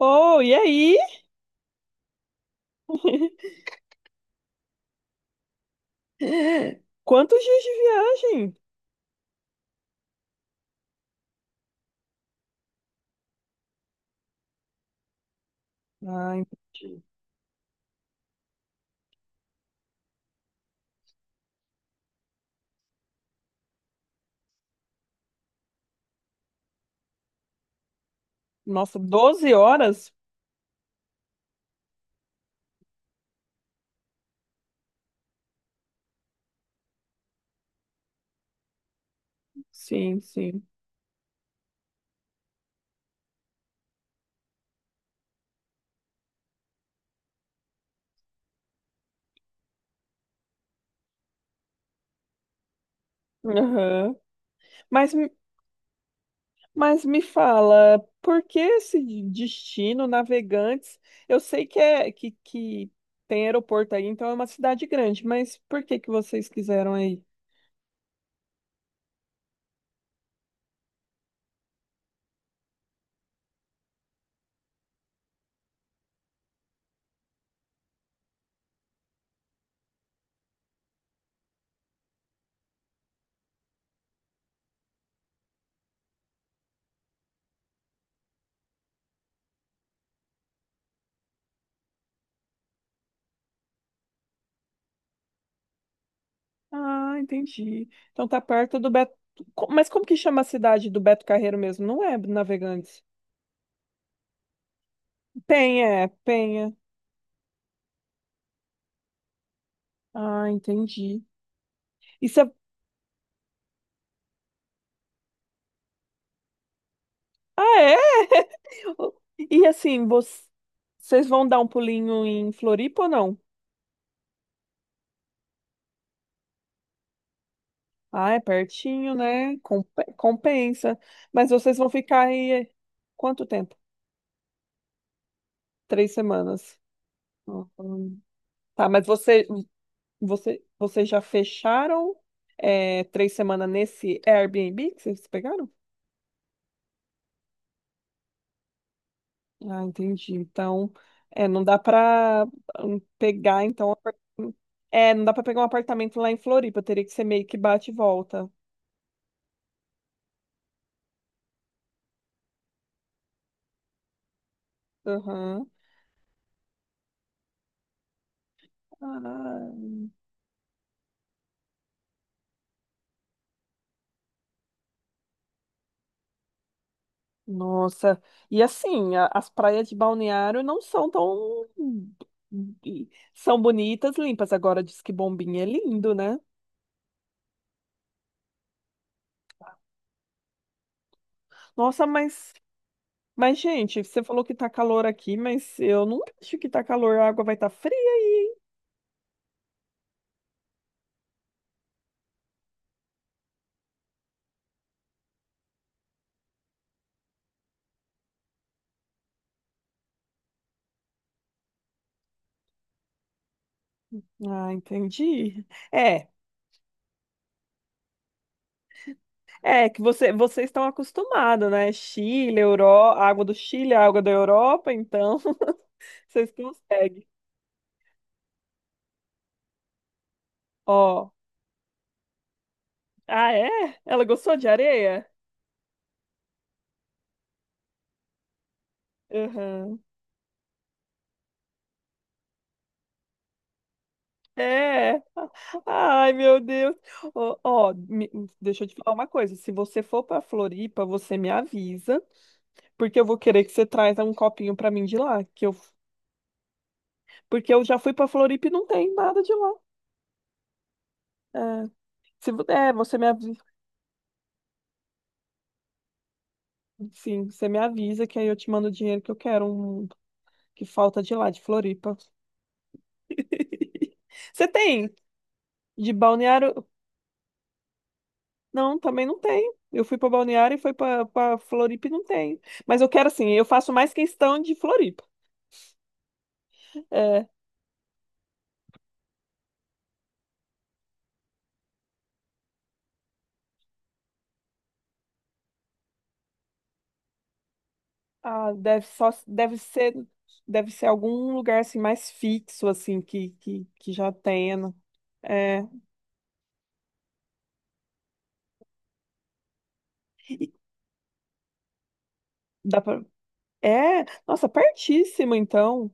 Oh, e aí? Quantos dias de viagem? Ai, nossa, 12 horas? Sim, sim. Aham. Mas, me- mas me fala, por que esse destino, Navegantes? Eu sei que tem aeroporto aí, então é uma cidade grande, mas por que que vocês quiseram aí? Ah, entendi. Então tá perto do Beto. Mas como que chama a cidade do Beto Carreiro mesmo? Não é Navegantes. Penha, é, Penha. Ah, entendi. Isso é... Ah, é? E assim, vocês vão dar um pulinho em Floripa ou não? Ah, é pertinho, né? Compensa. Mas vocês vão ficar aí quanto tempo? 3 semanas. Uhum. Tá, mas vocês já fecharam é, 3 semanas nesse Airbnb que vocês pegaram? Ah, entendi. Então, é, não dá para pegar, então, é, não dá para pegar um apartamento lá em Floripa, teria que ser meio que bate e volta. Aham. Ah, nossa. E assim, as praias de Balneário não são tão. São bonitas, limpas. Agora diz que Bombinha é lindo, né? Nossa, mas, gente, você falou que tá calor aqui, mas eu não acho que tá calor. A água vai estar fria aí, hein? Ah, entendi. É, é que vocês estão acostumados, né? Chile, Euro... a água do Chile, a água da Europa, então vocês conseguem. Ó, ah, é? Ela gostou de areia? Aham. É. Ai, meu Deus. Ó, ó, me- deixa eu te falar uma coisa. Se você for pra Floripa, você me avisa, porque eu vou querer que você traz um copinho pra mim de lá, porque eu já fui pra Floripa e não tem nada de lá. É, se, vo- é, você me avisa, sim, você me avisa que aí eu te mando o dinheiro que eu quero, um que falta de lá, de Floripa. Você tem de Balneário? Não, também não tem. Eu fui para Balneário e foi para Floripa e não tem. Mas eu quero assim, eu faço mais questão de Floripa. É, ah, deve só deve ser algum lugar assim mais fixo assim que já tenha. Né? É, dá para É, nossa, pertíssimo então.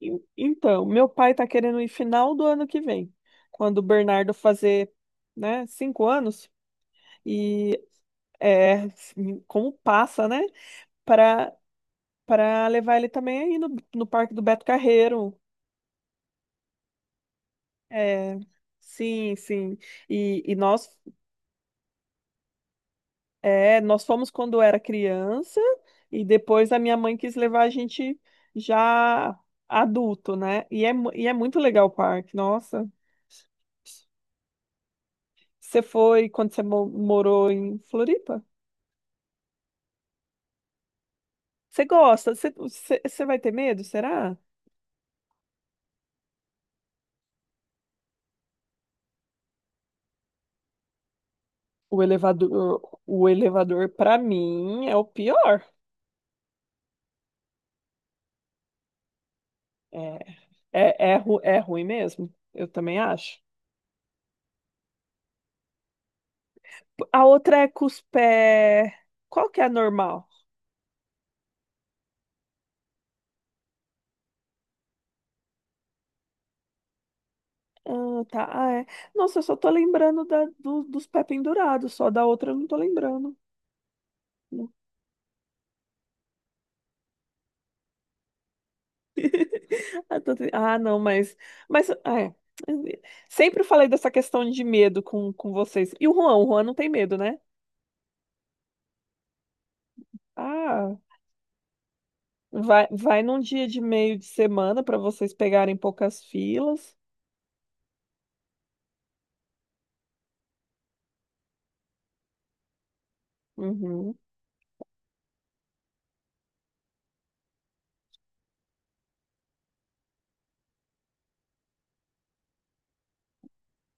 Então, meu pai tá querendo ir final do ano que vem, quando o Bernardo fazer, né, 5 anos. E é, assim, como passa, né? Para Para levar ele também aí no Parque do Beto Carreiro. É, sim, sim. E, e nós, nós fomos quando era criança e depois a minha mãe quis levar a gente já adulto, né? E é, e é muito legal o parque, nossa. Você foi quando você morou em Floripa? Você gosta? Você vai ter medo, será? O elevador para mim é o pior. É, é, é ruim mesmo, eu também acho. A outra é cuspé. Qual que é a normal? Ah, tá. Ah, é. Nossa, eu só tô lembrando da, dos pé pendurados, só da outra eu não tô lembrando. Ah, tô tri- ah, não, mas. Mas, ah, é. Sempre falei dessa questão de medo com vocês. E o Juan? O Juan não tem medo, né? Ah, vai, vai num dia de meio de semana para vocês pegarem poucas filas. Uhum.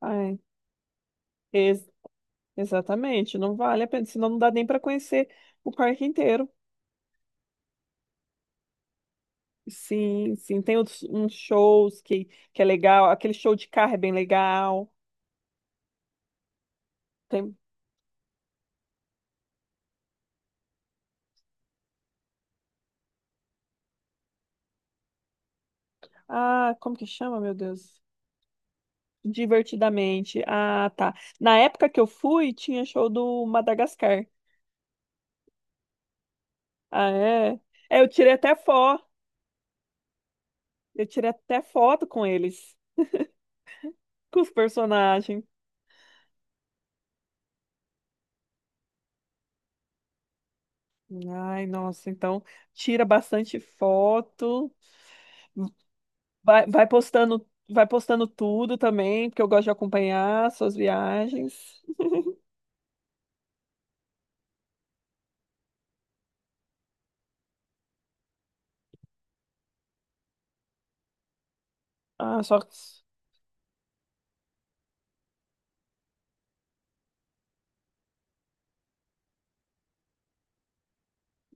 Ai, exatamente, não vale a pena, senão não dá nem para conhecer o parque inteiro. Sim, sim, tem outros- uns shows que é legal, aquele show de carro é bem legal. Tem, ah, como que chama, meu Deus? Divertidamente. Ah, tá. Na época que eu fui, tinha show do Madagascar. Ah, é? É, eu tirei até foto, eu tirei até foto com eles, com os personagens. Ai, nossa, então tira bastante foto. Vai, vai postando tudo também, porque eu gosto de acompanhar suas viagens. Ah, só.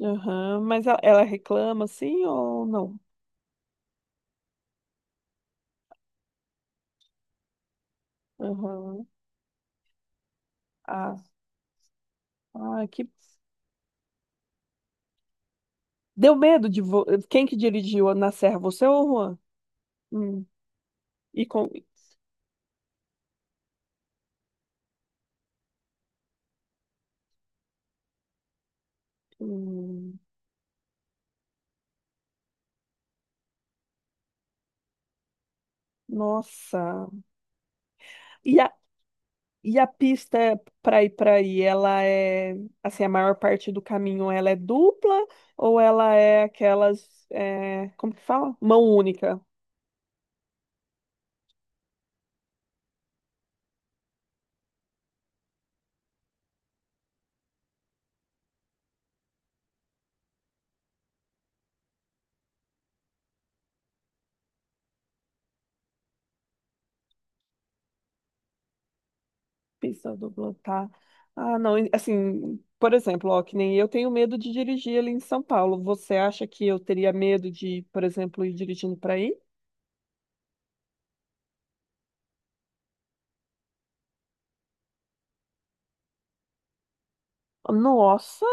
Aham, mas ela reclama assim ou não? Aham. Ah, ah, que. Deu medo de. Vo- Quem que dirigiu na Serra? Você ou o Juan? Hum. E com. Hum. Nossa. E E a pista para ir para aí, ela é assim, a maior parte do caminho ela é dupla ou ela é aquelas, é, como que fala? Mão única. Pista dupla, tá? Ah, não, e, assim, por exemplo, ó, que nem eu tenho medo de dirigir ali em São Paulo. Você acha que eu teria medo de, por exemplo, ir dirigindo para aí? Nossa,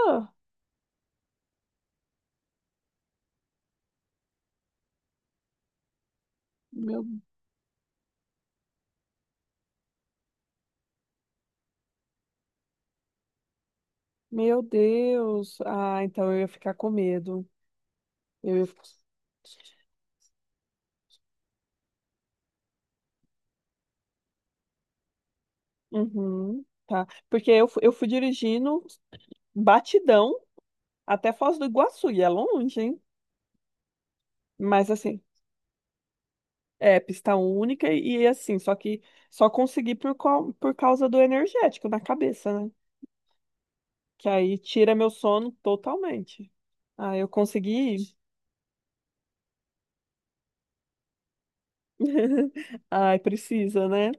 meu, meu Deus. Ah, então eu ia ficar com medo. Eu ia... Uhum, tá. Porque eu, eu fui dirigindo. Batidão até Foz do Iguaçu, e é longe, hein? Mas assim, é pista única e assim, só que só consegui por, por causa do energético na cabeça, né? Que aí tira meu sono totalmente. Ah, eu consegui ir. Ai, precisa, né?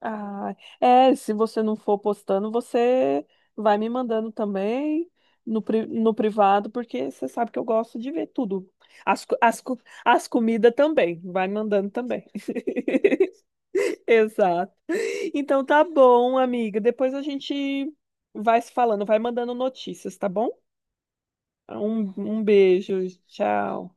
Ah, é, se você não for postando, você vai me mandando também no privado, porque você sabe que eu gosto de ver tudo. As, co- as, co- As comidas também, vai mandando também. Exato. Então tá bom, amiga. Depois a gente vai se falando, vai mandando notícias, tá bom? Um, um beijo, tchau.